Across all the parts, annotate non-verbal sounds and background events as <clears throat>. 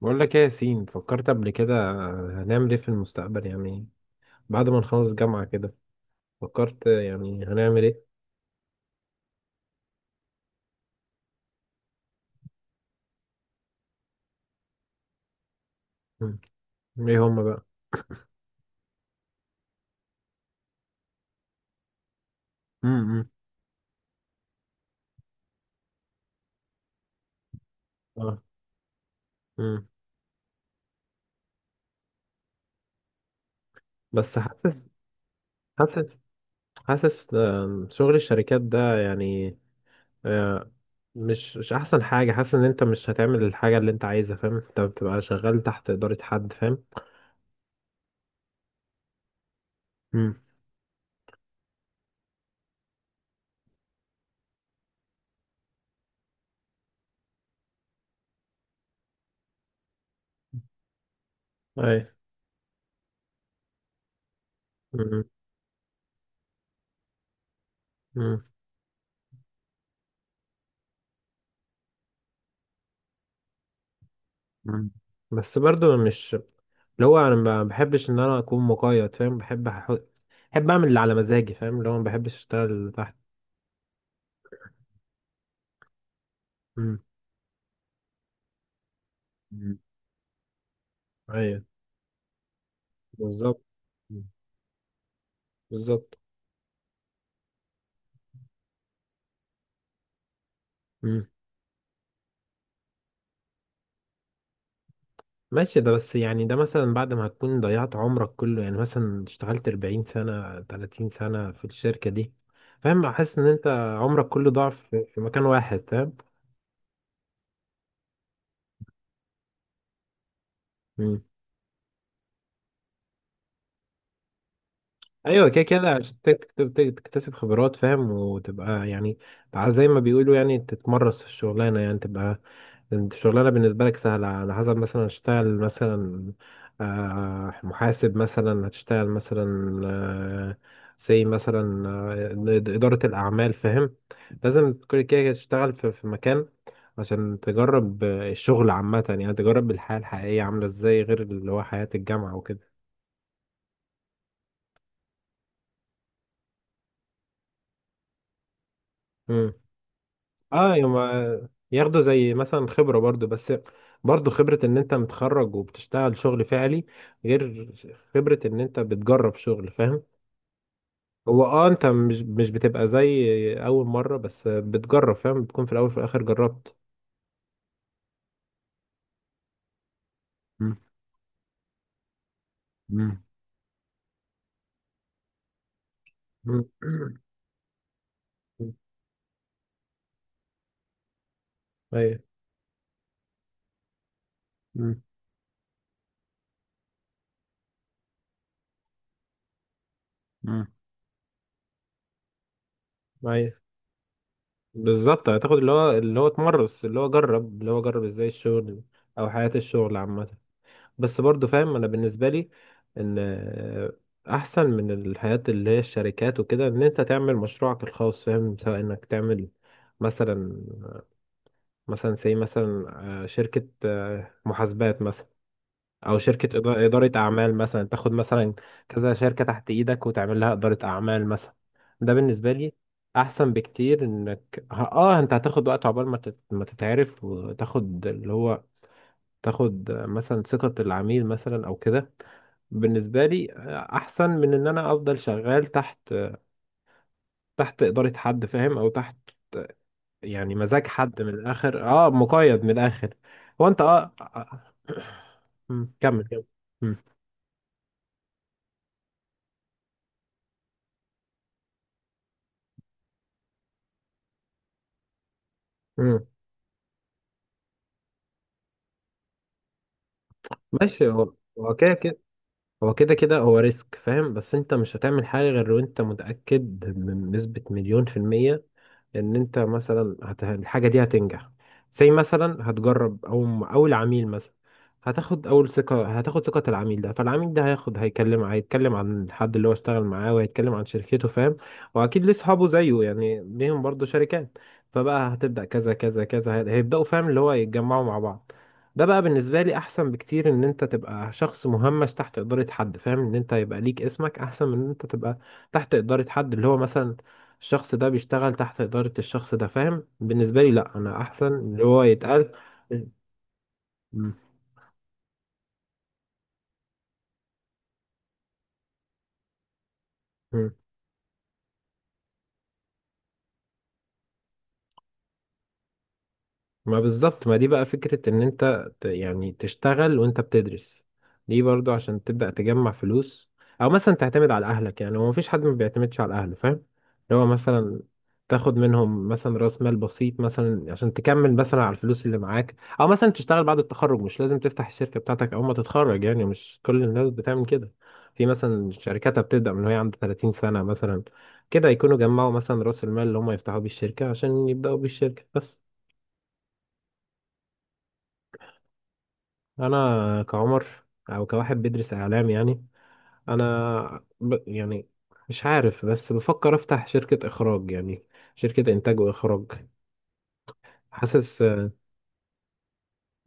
بقول لك ايه يا ياسين؟ فكرت قبل كده هنعمل ايه في المستقبل يعني؟ بعد ما نخلص جامعة كده فكرت يعني هنعمل ايه؟ مم. ايه هما بقى؟ امم اه امم بس حاسس حاسس، شغل الشركات ده يعني، آه، مش احسن حاجة. حاسس ان انت مش هتعمل الحاجة اللي انت عايزها، فاهم؟ انت بتبقى شغال تحت إدارة حد، فاهم؟ امم اي. مم. بس برضو مش اللي هو انا ما بحبش ان انا اكون مقيد، فاهم؟ بحب اعمل اللي على مزاجي، فاهم؟ اللي هو ما بحبش اشتغل تحت. مم. مم. ايوه، بالظبط. مم. بالظبط. مم. ماشي، ده بس يعني ده مثلا بعد ما هتكون ضيعت عمرك كله، يعني مثلا اشتغلت 40 سنة 30 سنة في الشركة دي، فاهم؟ احس ان انت عمرك كله ضاع في مكان واحد، فاهم؟ ايوه، كده كده عشان تكتسب خبرات، فاهم؟ وتبقى يعني تبقى زي ما بيقولوا، يعني تتمرس في الشغلانه، يعني تبقى انت الشغلانه بالنسبه لك سهله. على حسب مثلا هتشتغل مثلا محاسب، مثلا هتشتغل مثلا زي مثلا اداره الاعمال، فاهم؟ لازم كل كده كده تشتغل في مكان عشان تجرب الشغل عامه، يعني تجرب الحياه الحقيقيه عامله ازاي، غير اللي هو حياه الجامعه وكده. اه، يما ياخدوا زي مثلا خبرة برضو، بس برضو خبرة ان انت متخرج وبتشتغل شغل فعلي، غير خبرة ان انت بتجرب شغل، فاهم؟ هو اه انت مش بتبقى زي اول مرة بس بتجرب، فاهم؟ بتكون في الاول وفي الاخر جربت. مم. مم. <clears throat> مم. مم. ايوه. مم. مم. ايوه، بالظبط. هتاخد اللي هو اللي هو اتمرس، اللي هو جرب، اللي هو جرب ازاي الشغل او حياة الشغل عامة. بس برضو فاهم، انا بالنسبه لي ان احسن من الحياه اللي هي الشركات وكده ان انت تعمل مشروعك الخاص، فاهم؟ سواء انك تعمل مثلا زي مثلا شركه محاسبات مثلا، او شركه اداره اعمال مثلا، تاخد مثلا كذا شركه تحت ايدك وتعمل لها اداره اعمال مثلا. ده بالنسبه لي احسن بكتير. انك ه- اه انت هتاخد وقت عقبال ما تتعرف وتاخد اللي هو تاخد مثلا ثقة العميل مثلا او كده. بالنسبة لي احسن من ان انا افضل شغال تحت ادارة حد، فاهم؟ او تحت يعني مزاج حد من الاخر، اه مقيد من الاخر. هو انت اه <clears throat> آه. مم، كمل كمل. مم، مم. ماشي، هو كده كده، هو ريسك، فاهم؟ بس انت مش هتعمل حاجة غير وانت متأكد بنسبة مليون في المية ان انت مثلا الحاجة دي هتنجح. زي مثلا هتجرب او اول عميل مثلا، هتاخد اول ثقة، هتاخد ثقة العميل ده. فالعميل ده هياخد، هيكلم، هيتكلم عن الحد اللي هو اشتغل معاه، وهيتكلم عن شركته، فاهم؟ واكيد ليه اصحابه زيه يعني ليهم برضه شركات. فبقى هتبدأ كذا كذا كذا هيبدأوا، فاهم؟ اللي هو يتجمعوا مع بعض. ده بقى بالنسبة لي أحسن بكتير إن أنت تبقى شخص مهمش تحت إدارة حد، فاهم؟ إن أنت يبقى ليك اسمك أحسن من إن أنت تبقى تحت إدارة حد اللي هو مثلا الشخص ده بيشتغل تحت إدارة الشخص ده، فاهم؟ بالنسبة لي لأ، أنا أحسن اللي هو يتقال. مم. ما بالظبط، ما دي بقى فكرة ان انت يعني تشتغل وانت بتدرس. دي برضو عشان تبدأ تجمع فلوس، او مثلا تعتمد على اهلك. يعني هو مفيش حد ما بيعتمدش على اهله، فاهم؟ اللي هو مثلا تاخد منهم مثلا راس مال بسيط مثلا عشان تكمل مثلا على الفلوس اللي معاك، او مثلا تشتغل بعد التخرج. مش لازم تفتح الشركة بتاعتك اول ما تتخرج، يعني مش كل الناس بتعمل كده. في مثلا شركاتها بتبدأ من وهي عند 30 سنة مثلا، كده يكونوا جمعوا مثلا راس المال اللي هم يفتحوا بيه الشركة عشان يبدأوا بيه الشركة بس. انا كعمر او كواحد بيدرس اعلام يعني، يعني مش عارف، بس بفكر افتح شركة اخراج يعني، شركة انتاج واخراج. حاسس.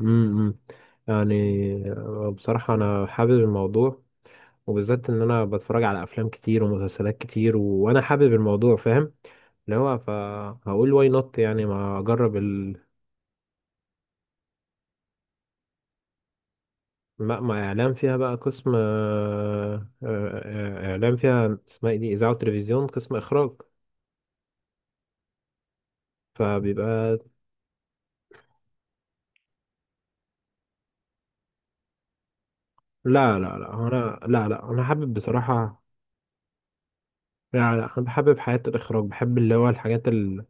امم يعني بصراحة انا حابب الموضوع، وبالذات ان انا بتفرج على افلام كتير ومسلسلات كتير وانا حابب الموضوع، فاهم؟ اللي هو فهقول واي نوت، يعني ما اجرب ما اعلام فيها بقى قسم آه، اعلام فيها اسمها ايه دي اذاعه وتلفزيون قسم اخراج، فبيبقى. لا لا لا، انا حابب بصراحة. لا لا انا بحبب حياة الاخراج، بحب اللي هو الحاجات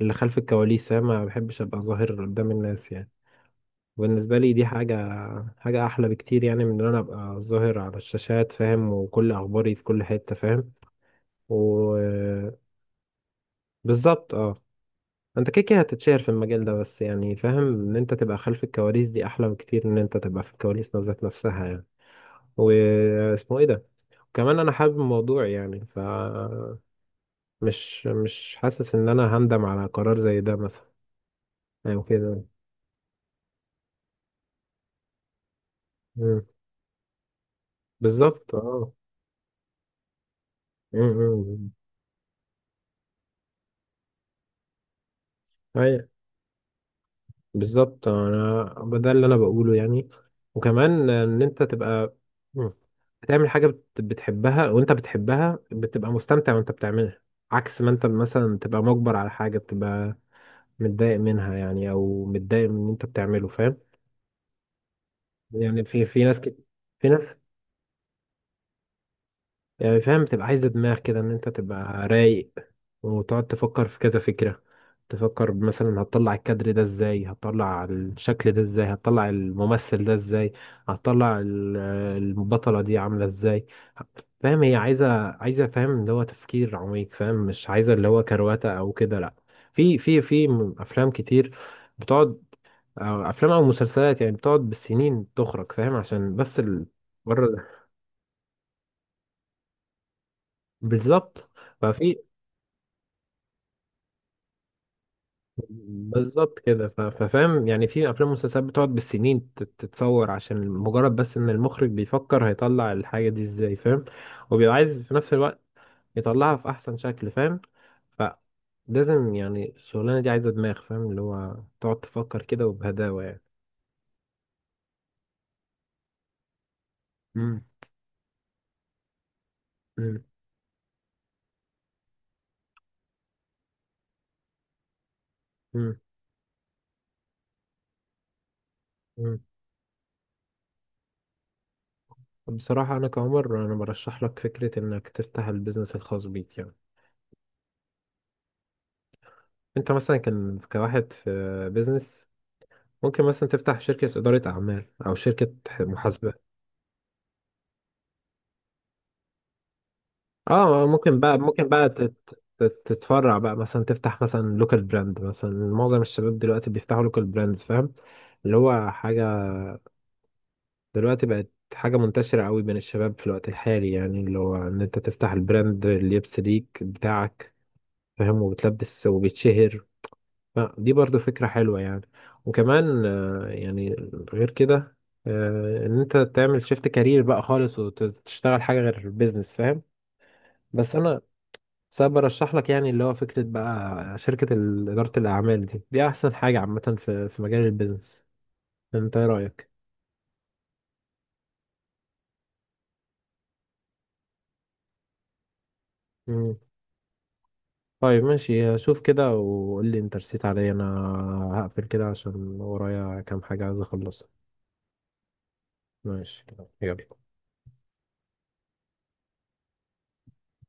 اللي خلف الكواليس، فاهم؟ ما بحبش ابقى ظاهر قدام الناس يعني. بالنسبة لي دي حاجة احلى بكتير، يعني من ان انا ابقى ظاهر على الشاشات، فاهم؟ وكل اخباري في كل حتة، فاهم؟ وبالظبط. اه، انت كده كده هتتشهر في المجال ده بس، يعني فاهم ان انت تبقى خلف الكواليس دي احلى بكتير ان انت تبقى في الكواليس ذات نفسها يعني. واسمه ايه ده، كمان انا حابب الموضوع يعني ف مش حاسس ان انا هندم على قرار زي ده مثلا او كده. مم. بالظبط. اه. مم، مم. ايوه، بالظبط. انا ده اللي انا بقوله يعني، وكمان ان انت تبقى. مم. بتعمل حاجه بتحبها، وانت بتحبها بتبقى مستمتع وانت بتعملها، عكس ما انت مثلا تبقى مجبر على حاجه بتبقى متضايق منها يعني، او متضايق من اللي انت بتعمله، فاهم؟ يعني في ناس كده، في ناس يعني فاهم بتبقى عايزة دماغ كده، ان انت تبقى رايق وتقعد تفكر في كذا فكرة. تفكر مثلا هتطلع الكادر ده ازاي، هتطلع الشكل ده ازاي، هتطلع الممثل ده ازاي، هتطلع البطلة دي عاملة ازاي، فاهم؟ هي عايزة فاهم اللي هو تفكير عميق، فاهم؟ مش عايزة اللي هو كرواتة او كده، لا. في افلام كتير بتقعد، أو افلام او مسلسلات يعني بتقعد بالسنين تخرج، فاهم؟ عشان بس المرة ده. بالظبط ففي، بالظبط كده ففاهم يعني. في افلام ومسلسلات بتقعد بالسنين تتصور، عشان مجرد بس ان المخرج بيفكر هيطلع الحاجه دي ازاي، فاهم؟ وبيبقى عايز في نفس الوقت يطلعها في احسن شكل، فاهم؟ فلازم يعني الشغلانه دي عايزه دماغ، فاهم؟ اللي هو تقعد تفكر كده وبهداوه يعني. مم. مم. مم. مم. بصراحه انا كعمر برشح لك فكره انك تفتح البيزنس الخاص بيك يعني. انت مثلا كان كواحد في بيزنس، ممكن مثلا تفتح شركة إدارة أعمال أو شركة محاسبة. اه ممكن بقى تتفرع بقى، مثلا تفتح مثلا لوكال براند. مثلا معظم الشباب دلوقتي بيفتحوا لوكال براندز، فاهم؟ اللي هو حاجة دلوقتي بقت حاجة منتشرة قوي بين الشباب في الوقت الحالي، يعني اللي هو إن أنت تفتح البراند اللي يبس ليك بتاعك، فاهم؟ وبتلبس وبيتشهر. فدي برضو فكرة حلوة يعني. وكمان يعني غير كده، ان انت تعمل شيفت كارير بقى خالص وتشتغل حاجة غير البيزنس، فاهم؟ بس انا سبب برشح لك يعني اللي هو فكرة بقى شركة إدارة الأعمال دي، أحسن حاجة عامة في مجال البيزنس. انت ايه رأيك؟ مم. طيب ماشي، شوف كده وقول لي انت رسيت عليا انا. هقفل كده عشان ورايا كام حاجة عايز اخلصها. ماشي كده، يلا